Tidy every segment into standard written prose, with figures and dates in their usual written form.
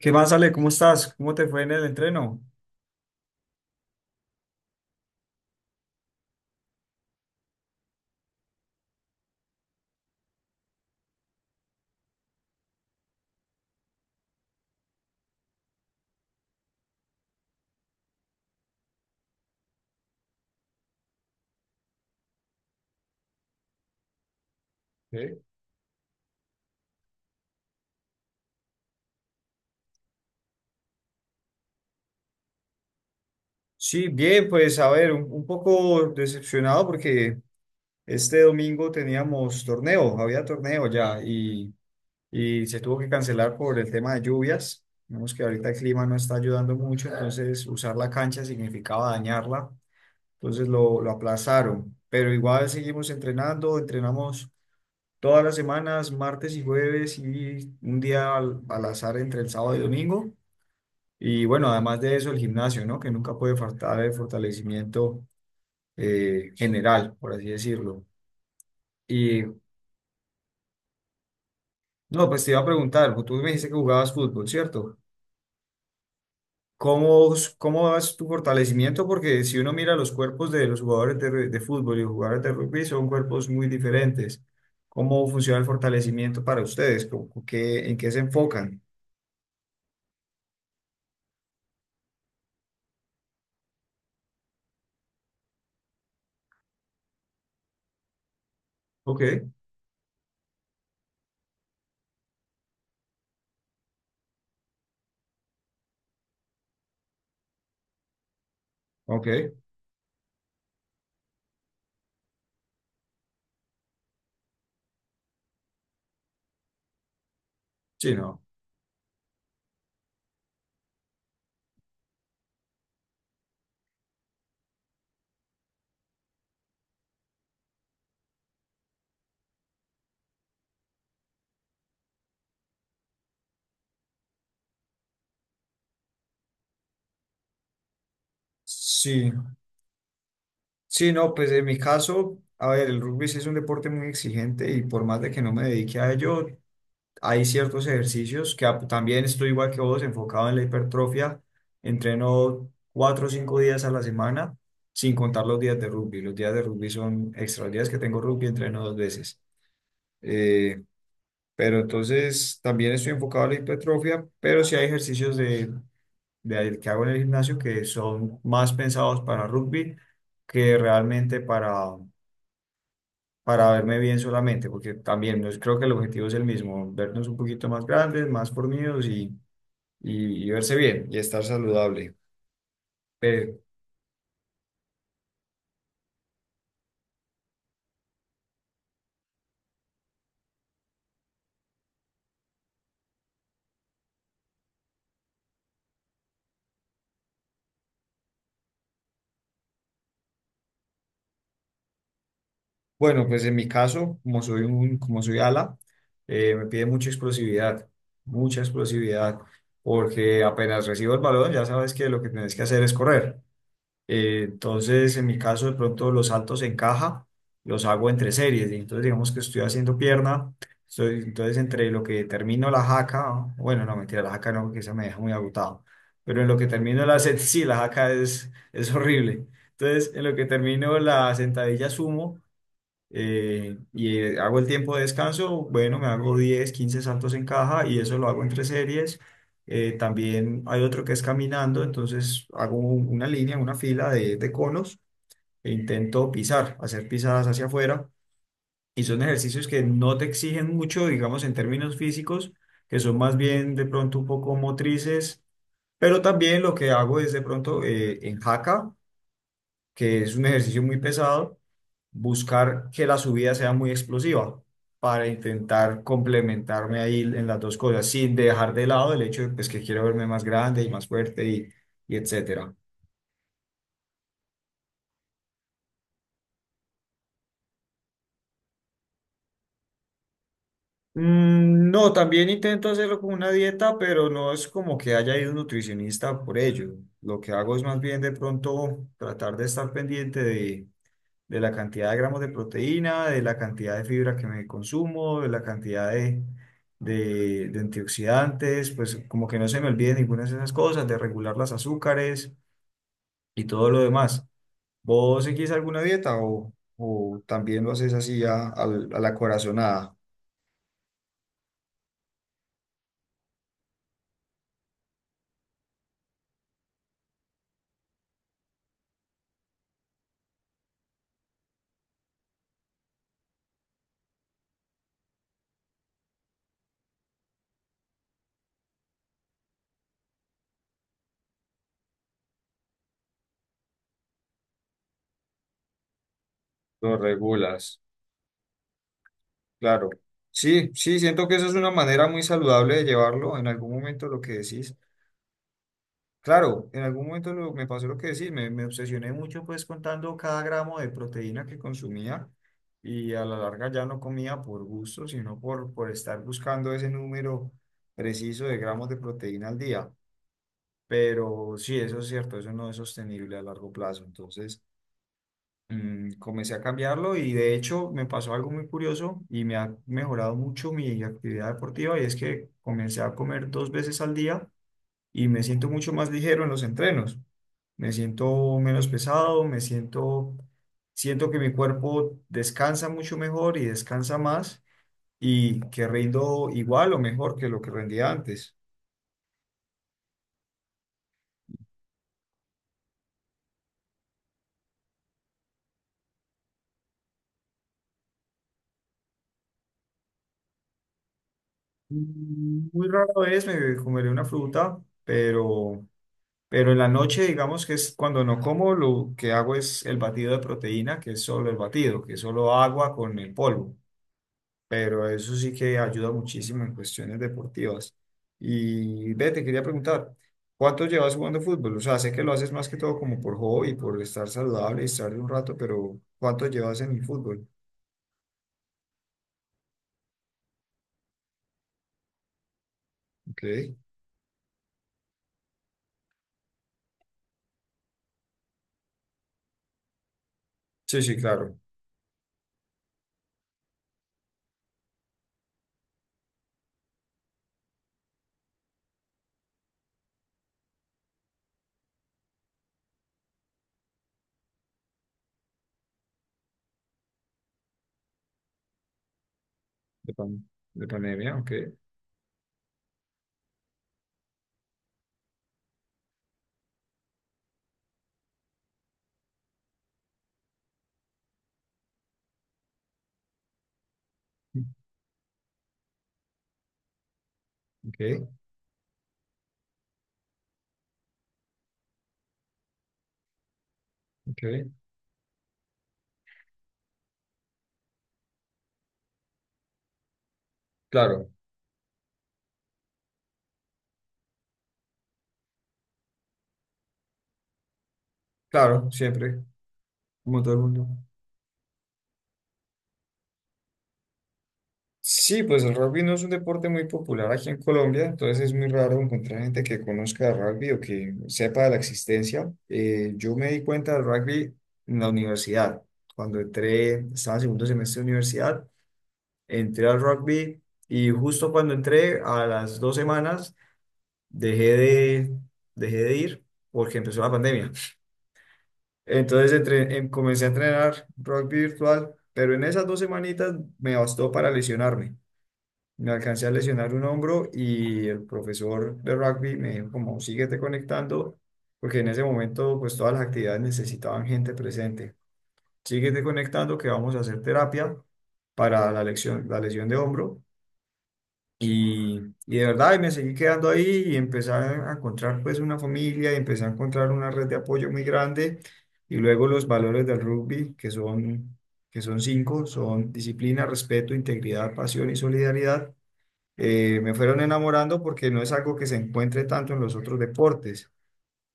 ¿Qué más, Ale? ¿Cómo estás? ¿Cómo te fue en el entreno? Sí, bien, pues a ver, un poco decepcionado porque este domingo teníamos torneo, había torneo ya y se tuvo que cancelar por el tema de lluvias. Vemos que ahorita el clima no está ayudando mucho, entonces usar la cancha significaba dañarla, entonces lo aplazaron. Pero igual seguimos entrenando, entrenamos todas las semanas, martes y jueves y un día al azar entre el sábado y domingo. Y bueno, además de eso, el gimnasio, ¿no? Que nunca puede faltar el fortalecimiento general, por así decirlo. Y no, pues te iba a preguntar, pues, tú me dijiste que jugabas fútbol, ¿cierto? ¿Cómo es tu fortalecimiento? Porque si uno mira los cuerpos de los jugadores de fútbol y los jugadores de rugby, son cuerpos muy diferentes. ¿Cómo funciona el fortalecimiento para ustedes? ¿En qué se enfocan? Ok, ok, sí, no. Sí. Sí, no, pues en mi caso, a ver, el rugby sí es un deporte muy exigente y por más de que no me dedique a ello, hay ciertos ejercicios también estoy igual que vos, enfocado en la hipertrofia. Entreno 4 o 5 días a la semana, sin contar los días de rugby. Los días de rugby son extra. Los días que tengo rugby entreno 2 veces. Eh, pero entonces también estoy enfocado en la hipertrofia, pero sí hay ejercicios de que hago en el gimnasio que son más pensados para rugby que realmente para verme bien solamente, porque también creo que el objetivo es el mismo, vernos un poquito más grandes, más fornidos y verse bien y estar saludable. Pero, bueno, pues en mi caso, como soy ala, me pide mucha explosividad, porque apenas recibo el balón, ya sabes que lo que tienes que hacer es correr. Entonces, en mi caso, de pronto los saltos en caja los hago entre series. Y entonces, digamos que estoy haciendo pierna. Estoy, entonces, entre lo que termino la jaca, bueno, no, mentira, la jaca no, que esa me deja muy agotado. Pero en lo que termino la set, sí, la jaca es horrible. Entonces, en lo que termino la sentadilla sumo, y hago el tiempo de descanso, bueno, me hago 10 15 saltos en caja y eso lo hago entre series. También hay otro que es caminando, entonces hago una línea, una fila de conos e intento pisar, hacer pisadas hacia afuera. Y son ejercicios que no te exigen mucho, digamos, en términos físicos, que son más bien de pronto un poco motrices, pero también lo que hago es de pronto en jaca que es un ejercicio muy pesado, buscar que la subida sea muy explosiva para intentar complementarme ahí en las dos cosas, sin dejar de lado el hecho de pues, que quiero verme más grande y más fuerte y etcétera. No, también intento hacerlo con una dieta, pero no es como que haya ido un nutricionista por ello. Lo que hago es más bien de pronto tratar de estar pendiente de la cantidad de gramos de proteína, de la cantidad de fibra que me consumo, de la cantidad de antioxidantes, pues como que no se me olvide ninguna de esas cosas, de regular las azúcares y todo lo demás. ¿Vos seguís alguna dieta o también lo haces así a la corazonada? Lo regulas. Claro. Sí, sí, siento que eso es una manera muy saludable de llevarlo en algún momento lo que decís. Claro, en algún momento me pasó lo que decís, me obsesioné mucho pues contando cada gramo de proteína que consumía y a la larga ya no comía por gusto, sino por estar buscando ese número preciso de gramos de proteína al día. Pero sí, eso es cierto, eso no es sostenible a largo plazo. Entonces comencé a cambiarlo y de hecho me pasó algo muy curioso y me ha mejorado mucho mi actividad deportiva y es que comencé a comer 2 veces al día y me siento mucho más ligero en los entrenos. Me siento menos pesado, siento que mi cuerpo descansa mucho mejor y descansa más y que rindo igual o mejor que lo que rendía antes. Muy rara vez me comeré una fruta, pero en la noche, digamos que es cuando no como, lo que hago es el batido de proteína, que es solo el batido, que es solo agua con el polvo. Pero eso sí que ayuda muchísimo en cuestiones deportivas. Y ve, te quería preguntar, ¿cuánto llevas jugando fútbol? O sea, sé que lo haces más que todo como por hobby, por estar saludable y estar un rato, pero ¿cuánto llevas en el fútbol? Ok. Sí, sí, claro. De, pan- de pandemia, ok. Ok, ok. Claro, claro, siempre, como todo el mundo. Sí, pues el rugby no es un deporte muy popular aquí en Colombia, entonces es muy raro encontrar gente que conozca el rugby o que sepa de la existencia. Yo me di cuenta del rugby en la universidad. Cuando entré, estaba en segundo semestre de universidad, entré al rugby y justo cuando entré, a las 2 semanas, dejé de, dejé de ir porque empezó la pandemia. Entonces comencé a entrenar rugby virtual, pero en esas 2 semanitas me bastó para lesionarme. Me alcancé a lesionar un hombro y el profesor de rugby me dijo como síguete conectando, porque en ese momento pues todas las actividades necesitaban gente presente. Síguete conectando que vamos a hacer terapia para la lesión de hombro. Y, y de verdad, y me seguí quedando ahí y empecé a encontrar pues una familia y empecé a encontrar una red de apoyo muy grande. Y luego los valores del rugby, que son cinco, son disciplina, respeto, integridad, pasión y solidaridad, me fueron enamorando porque no es algo que se encuentre tanto en los otros deportes.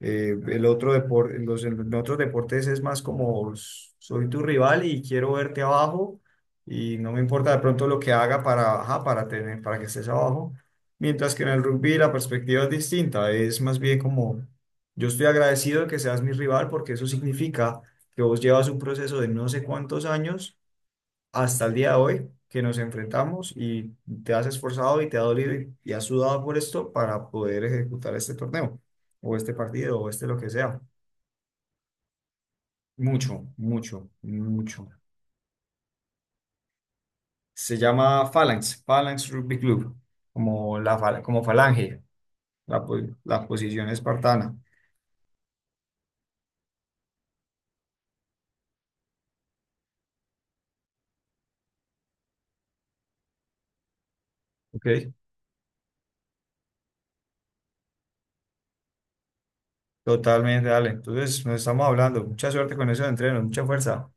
El otro depor- los, en otros deportes es más como soy tu rival y quiero verte abajo y no me importa de pronto lo que haga para, ajá, para tener, para que estés abajo. Mientras que en el rugby la perspectiva es distinta, es más bien como yo estoy agradecido de que seas mi rival porque eso significa que vos llevas un proceso de no sé cuántos años hasta el día de hoy que nos enfrentamos y te has esforzado y te ha dolido y has sudado por esto para poder ejecutar este torneo o este partido o este lo que sea. Mucho, mucho, mucho. Se llama Phalanx, Phalanx Rugby Club, como falange, la, po- la posición espartana. Ok, totalmente, dale. Entonces, nos estamos hablando. Mucha suerte con esos entrenos, mucha fuerza.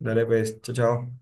Dale pues, chao, chao.